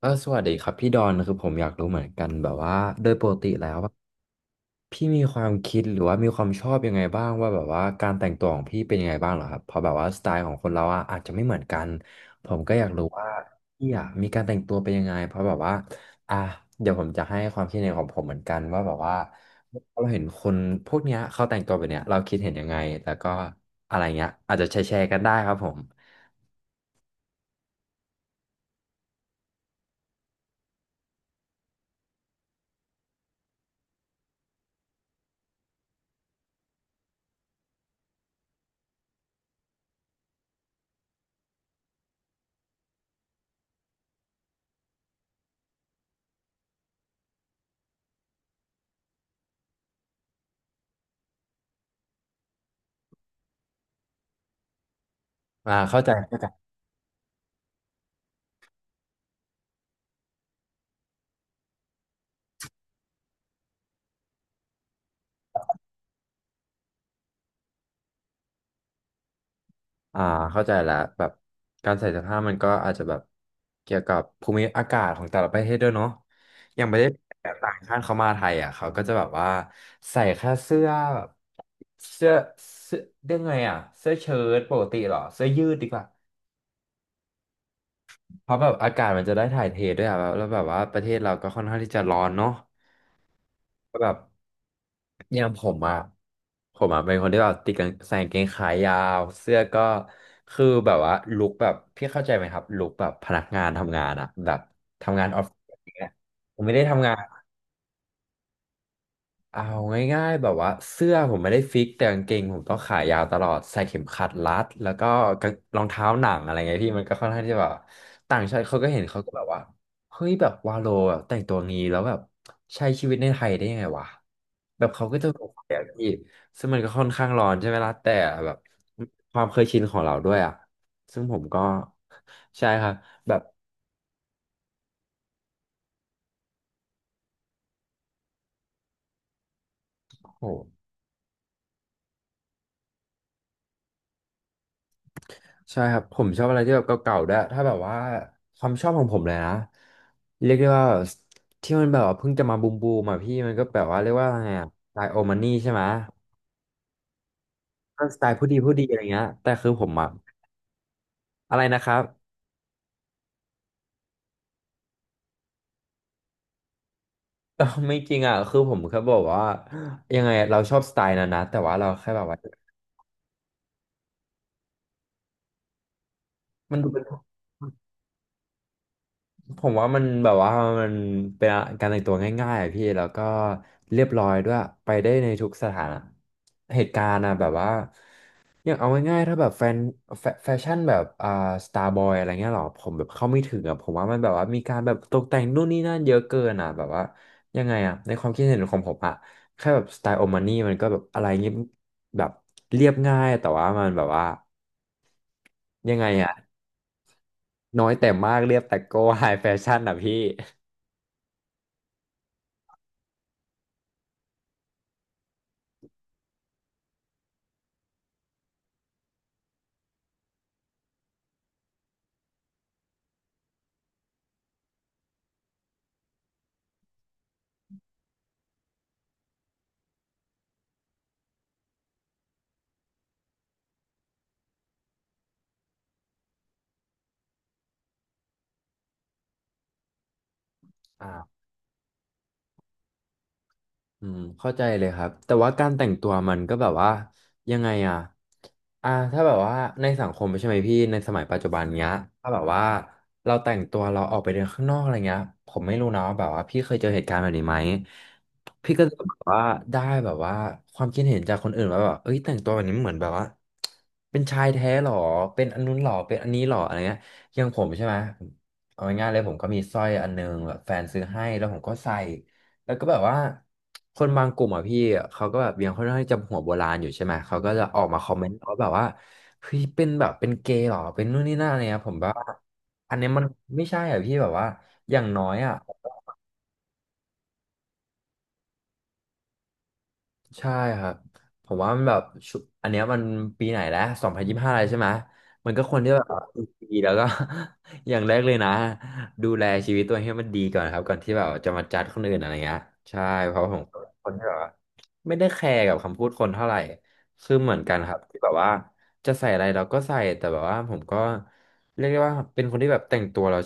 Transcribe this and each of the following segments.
สวัสดีครับพี่ดอนคือผมอยากรู้เหมือนกันแบบว่าโดยปกติแล้วว่าพี่มีความคิดหรือว่ามีความชอบยังไงบ้างว่าแบบว่าการแต่งตัวของพี่เป็นยังไงบ้างเหรอครับเพราะแบบว่าสไตล์ของคนเราอะอาจจะไม่เหมือนกันผมก็อยากรู้ว่าพี่อะมีการแต่งตัวเป็นยังไงเพราะแบบว่าอ่ะเดี๋ยวผมจะให้ความคิดเห็นของผมเหมือนกันว่าแบบว่าเราเห็นคนพวกเนี้ยเขาแต่งตัวแบบเนี้ยเราคิดเห็นยังไงแล้วก็อะไรเงี้ยอาจจะแชร์ๆกันได้ครับผมอ่าเข้าใจ อ่าเข้าใจละแบบการใส่เสื้อผ้ามันก็อาจจะแบบเกี่ยวกับภูมิอากาศของแต่ละประเทศด้วยเนาะอย่างประเทศต่างชาติเขามาไทยอ่ะเขาก็จะแบบว่าใส่แค่เสื้อแบบเสื้อเสื้อเรียกไงอ่ะเสื้อเชิ้ตปกติเหรอเสื้อยืดดีกว่าเพราะแบบอากาศมันจะได้ถ่ายเทด้วยอ่ะแล้วแบบว่าประเทศเราก็ค่อนข้างที่จะร้อนเนาะ ก็แบบอย่างผมอ่ะผมอ่ะเป็นคนที่แบบติดกางใส่กางเกงขายาวเสื้อก็คือแบบว่าลุคแบบพี่เข้าใจไหมครับลุคแบบพนักงานทำงานอ่ะแบบทำงานออฟฟิศอย่างเงี้ยผมไม่ได้ทำงาน เอาง่ายๆแบบว่าเสื้อผมไม่ได้ฟิกแต่กางเกงผมต้องขายาวตลอดใส่เข็มขัดรัดแล้วก็กางรองเท้าหนังอะไรเงี้ยพี่มันก็ค่อนข้างที่จะแบบต่างชาติเขาก็เห็นเขาก็แบบว่าเฮ้ยแบบวาโลแบแต่งตัวงี้แล้วแบบใช้ชีวิตในไทยได้ยังไงวะแบบเขาก็จะสงสัยอะพี่ซึ่งมันก็ค่อนข้างร้อนใช่ไหมล่ะแต่แบบความเคยชินของเราด้วยอ่ะซึ่งผมก็ ใช่ครับแบบโห ใช่ครับผมชอบอะไรที่แบบเก่าๆด้วยถ้าแบบว่าความชอบของผมเลยนะเรียกได้ว่าที่มันแบบว่าเพิ่งจะมาบูมบูมอ่ะพี่มันก็แบบว่าเรียกว่าไงอะสไตล์โอมานี่ใช่ไหมก็สไตล์ผู้ดีผู้ดีอะไรเงี้ยแต่คือผมอ่ะอะไรนะครับ ไม่จริงอ่ะคือผมแค่บอกว่ายังไงเราชอบสไตล์นั้นนะแต่ว่าเราแค่แบบว่ามันดูเป็น ผมว่ามันแบบว่ามันเป็นการแต่งตัวง่ายๆอะพี่แล้วก็เรียบร้อยด้วยไปได้ในทุกสถานะเหตุการณ์อะแบบว่าอย่างเอาง่ายๆถ้าแบบแฟนแฟชั่นแบบสตาร์บอยอะไรเงี้ยหรอผมแบบเข้าไม่ถึงอะผมว่ามันแบบว่ามีการแบบตกแต่งนู่นนี่นั่นเยอะเกินอะแบบว่ายังไงอะในความคิดเห็นของผมอะแค่แบบสไตล์โอมานี่มันก็แบบอะไรเงี้ยแบบเรียบง่ายแต่ว่ามันแบบว่ายังไงอะน้อยแต่มากเรียบแต่โก้ไฮแฟชั่นอะพี่อ่า อืมเข้าใจเลยครับแต่ว่าการแต่งตัวมันก็แบบว่ายังไงอ่ะอ่าถ้าแบบว่าในสังคมใช่ไหมพี่ในสมัยปัจจุบันเนี้ยถ้าแบบว่าเราแต่งตัวเราออกไปเดินข้างนอกอะไรเงี้ยผมไม่รู้นะว่าแบบว่าพี่เคยเจอเหตุการณ์แบบนี้ไหมพี่ก็จะแบบว่าได้แบบว่าความคิดเห็นจากคนอื่นว่าแบบเอ้ยแต่งตัวแบบนี้เหมือนแบบว่าเป็นชายแท้หรอเป็นอันนู้นหรอเป็นอันนี้หรออะไรเงี้ยอย่างผมใช่ไหมเอาง่ายๆเลยผมก็มีสร้อยอันนึงแบบแฟนซื้อให้แล้วผมก็ใส่ แล้วก็แบบว่าคนบางกลุ่มอ่ะพี่เขาก็แบบยังค่อนข้างที่จะหัวโบราณอยู่ใช่ไหมเขาก็จะออกมาคอมเมนต์ว่าแบบว่าเฮ้ยเป็นแบบเป็นเกย์เหรอเป็นนู่นนี่นั่นอะไรเงี้ยผมแบบว่าอันเนี้ยมันไม่ใช่อ่ะพี่แบบว่าอย่างน้อยอ่ะ ใช่ครับผมว่ามันแบบชุอันเนี้ยมันปีไหนแล้ว2025อะไรใช่ไหมมันก็ควรที่แบบดีแล้วก็ อย่างแรกเลยนะดูแลชีวิตตัวเองให้มันดีก่อนครับก่อนที่แบบจะมาจัดคนอื่นอะไรเงี้ยใช่เพราะผมเป็นคนที่แบบว่าไม่ได้แคร์กับคำพูดคนเท่าไหร่คือเหมือนกันครับที่แบบว่าจะใส่อะไรเราก็ใส่แต่แบบว่าผมก็เรียกได้ว่าเป็นคนที่แบบแต่งตัวเรา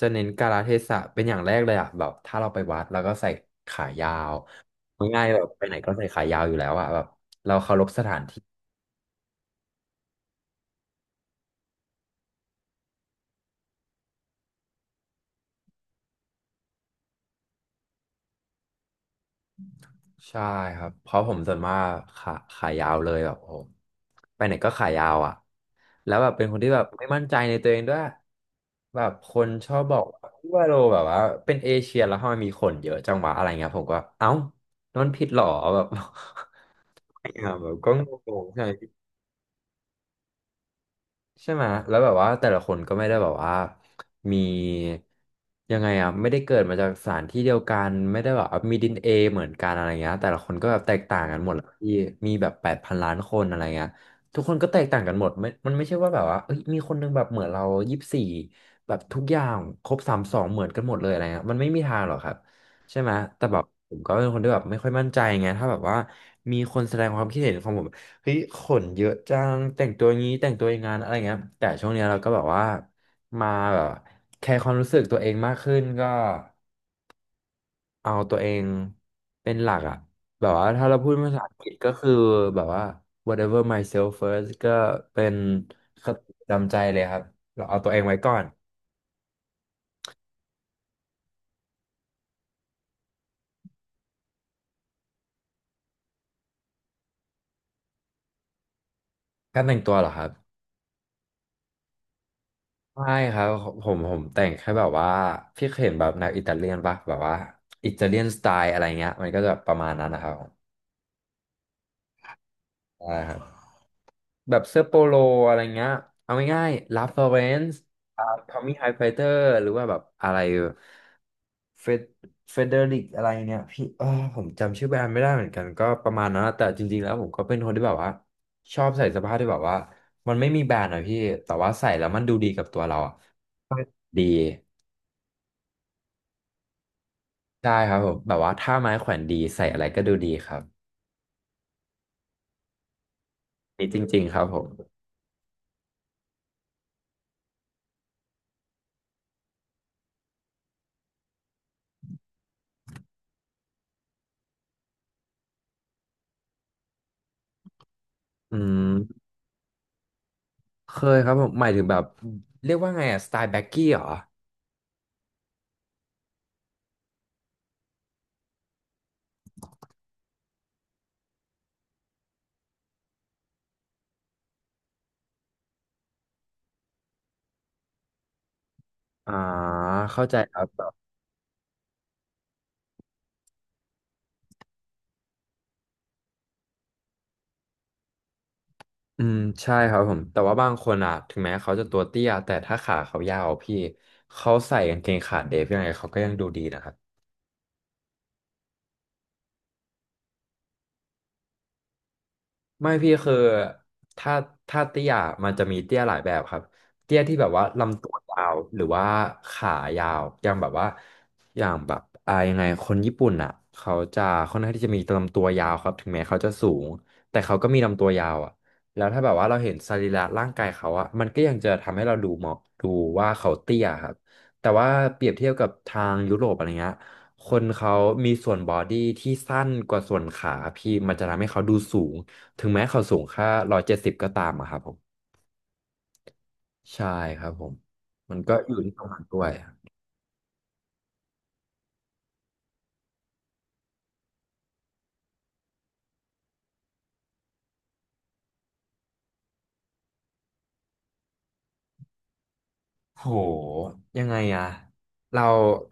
จะเน้นกาลเทศะเป็นอย่างแรกเลยอะแบบถ้าเราไปวัดเราก็ใส่ขายาว ง่ายๆแบบไปไหนก็ใส่ขายาวอยู่แล้วอะแบบเราเคารพสถานที่ใช่ครับเพราะผมส่วนมากขายาวเลยแบบผมไปไหนก็ขายาวอ่ะแล้วแบบเป็นคนที่แบบไม่มั่นใจในตัวเองด้วยแบบคนชอบบอกว่าพี่ว่าโลแบบว่าเป็นเอเชียแล้วทำไมมีขนเยอะจังวะอะไรเงี้ยผมก็เอ้านั่นผิดเหรอแบบ แบบก็งงๆใช่ ใช่ไหมแล้วแบบว่าแต่ละคนก็ไม่ได้แบบว่ามียังไงอ่ะไม่ได้เกิดมาจากสถานที่เดียวกันไม่ได้แบบว่ามีดีเอ็นเอเหมือนกันอะไรเงี้ยแต่ละคนก็แบบแตกต่างกันหมดแล้วพี่มีแบบ8,000,000,000คนอะไรเงี้ยทุกคนก็แตกต่างกันหมดไม่มันไม่ใช่ว่าแบบว่าเอ้ยมีคนนึงแบบเหมือนเรา24แบบทุกอย่างครบ32เหมือนกันหมดเลยอะไรเงี้ยมันไม่มีทางหรอกครับใช่ไหมแต่แบบผมก็เป็นคนที่แบบไม่ค่อยมั่นใจไงถ้าแบบว่ามีคนแสดงความคิดเห็นของผม เฮ้ยขนเยอะจังแต่งตัวงี้แต่งตัวอย่างงานอะไรเงี้ยแต่ช่วงเนี้ยเราก็แบบว่ามาแบบแคร์ความรู้สึกตัวเองมากขึ้นก็เอาตัวเองเป็นหลักอะแบบว่าถ้าเราพูดภาษาอังกฤษก็คือแบบว่า whatever myself first ก็เป็นคติประจำใจเลยครับเราเอาตัวเองไว้ก่อนการแต่งตัวเหรอครับไม่ครับผมแต่งแค่แบบว่าพี่เคยเห็นแบบแนวอิตาเลียนปะแบบว่าอิตาเลียนสไตล์อะไรเงี้ยมันก็จะประมาณนั้นนะครับผมใช่ครับ แบบเสื้อโปโลอะไรเงี้ยเอาง่ายๆลาฟลอเรนซ์ทอมมี่ไฮไฟเตอร์หรือว่าแบบอะไรเฟดเฟเดริกอะไรเนี่ยพี่ผมจำชื่อแบรนด์ไม่ได้เหมือนกันก็ประมาณนั้นนะแต่จริงๆแล้วผมก็เป็นคนที่แบบว่าชอบใส่เสื้อผ้าที่แบบว่ามันไม่มีแบรนด์อะพี่แต่ว่าใส่แล้วมันดูดีกับตัวเราอะดีใช่ครับผมแบบว่าถ้าไม้แขวนดีใส่อะไรก็ดูดีครับนี่จริงๆครับผมอืมเคยครับผมหมายถึงแบบเรียกว่าไงอะสไตล์แบ็กกี้เหรอ อ่าเข้าใจครับแบบอืมใช่ครับผมแต่ว่าบางคนอ่ะถึงแม้เขาจะตัวเตี้ยแต่ถ้าขาเขายาวพี่เขาใส่กางเกงขาเดฟยังไงเขาก็ยังดูดีนะครับ ไม่พี่คือถ้าถ้าเตี้ยมันจะมีเตี้ยหลายแบบครับเตี้ยที่แบบว่าลำตัวยาวหรือว่าขายาวอย่างแบบว่าอย่างแบบยังไงคนญี่ปุ่นอ่ะเขาจะค่อนข้างที่จะมีลำตัวยาวครับถึงแม้เขาจะสูงแต่เขาก็มีลำตัวยาวอ่ะแล้วถ้าแบบว่าเราเห็นสรีระร่างกายเขาอ่ะมันก็ยังจะทำให้เราดูเหมาะดูว่าเขาเตี้ยครับแต่ว่าเปรียบเทียบกับทางยุโรปอะไรเงี้ยคนเขามีส่วนบอดี้ที่สั้นกว่าส่วนขาพี่มันจะทำให้เขาดูสูง ถึงแม้เขาสูงแค่170ก็ตามอะครับผมใช่ครับผมมันก็อยู่ที่ตรงนั้นด้วยโหยังไงอะเรา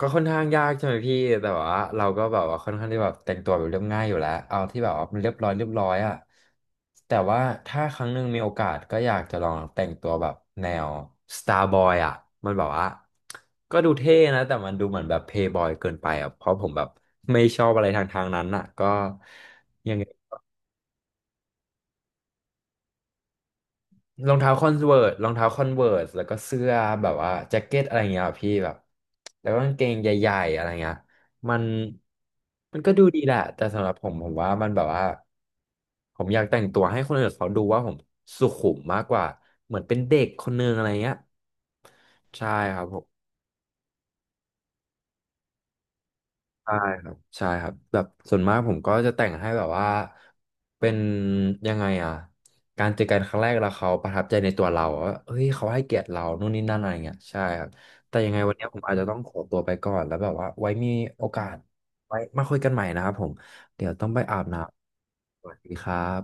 ก็ค่อนข้างยากใช่ไหมพี่แต่ว่าเราก็แบบว่าค่อนข้างที่แบบแต่งตัวแบบเรียบง่ายอยู่แล้วเอาที่แบบว่ามันเรียบร้อยอะแต่ว่าถ้าครั้งหนึ่งมีโอกาสก็อยากจะลองแต่งตัวแบบแนว Starboy อะมันแบบว่าก็ดูเท่นะแต่มันดูเหมือนแบบ Playboy เกินไปอะเพราะผมแบบไม่ชอบอะไรทางนั้นอะก็ รองเท้าคอนเวิร์สรองเท้าคอนเวิร์สแล้วก็เสื้อแบบว่าแจ็คเก็ตอะไรเงี้ยอะพี่แบบแล้วก็กางเกงใหญ่ๆอะไรเงี้ยมันมันก็ดูดีแหละแต่สำหรับผมว่ามันแบบว่าผมอยากแต่งตัวให้คนอื่นเขาดูว่าผมสุขุมมากกว่าเหมือนเป็นเด็กคนนึงอะไรเงี้ยใช่ครับผม ใช่ครับแบบส่วนมากผมก็จะแต่งให้แบบว่าเป็นยังไงอ่ะการเจอกันครั้งแรกแล้วเขาประทับใจในตัวเราว่าเฮ้ยเขาให้เกียรติเรานู่นนี่นั่นอะไรเงี้ยใช่ครับแต่ยังไงวันนี้ผมอาจจะต้องขอตัวไปก่อนแล้วแบบว่าไว้มีโอกาสไว้มาคุยกันใหม่นะครับผมเดี๋ยวต้องไปอาบน้ำสวัสดีครับ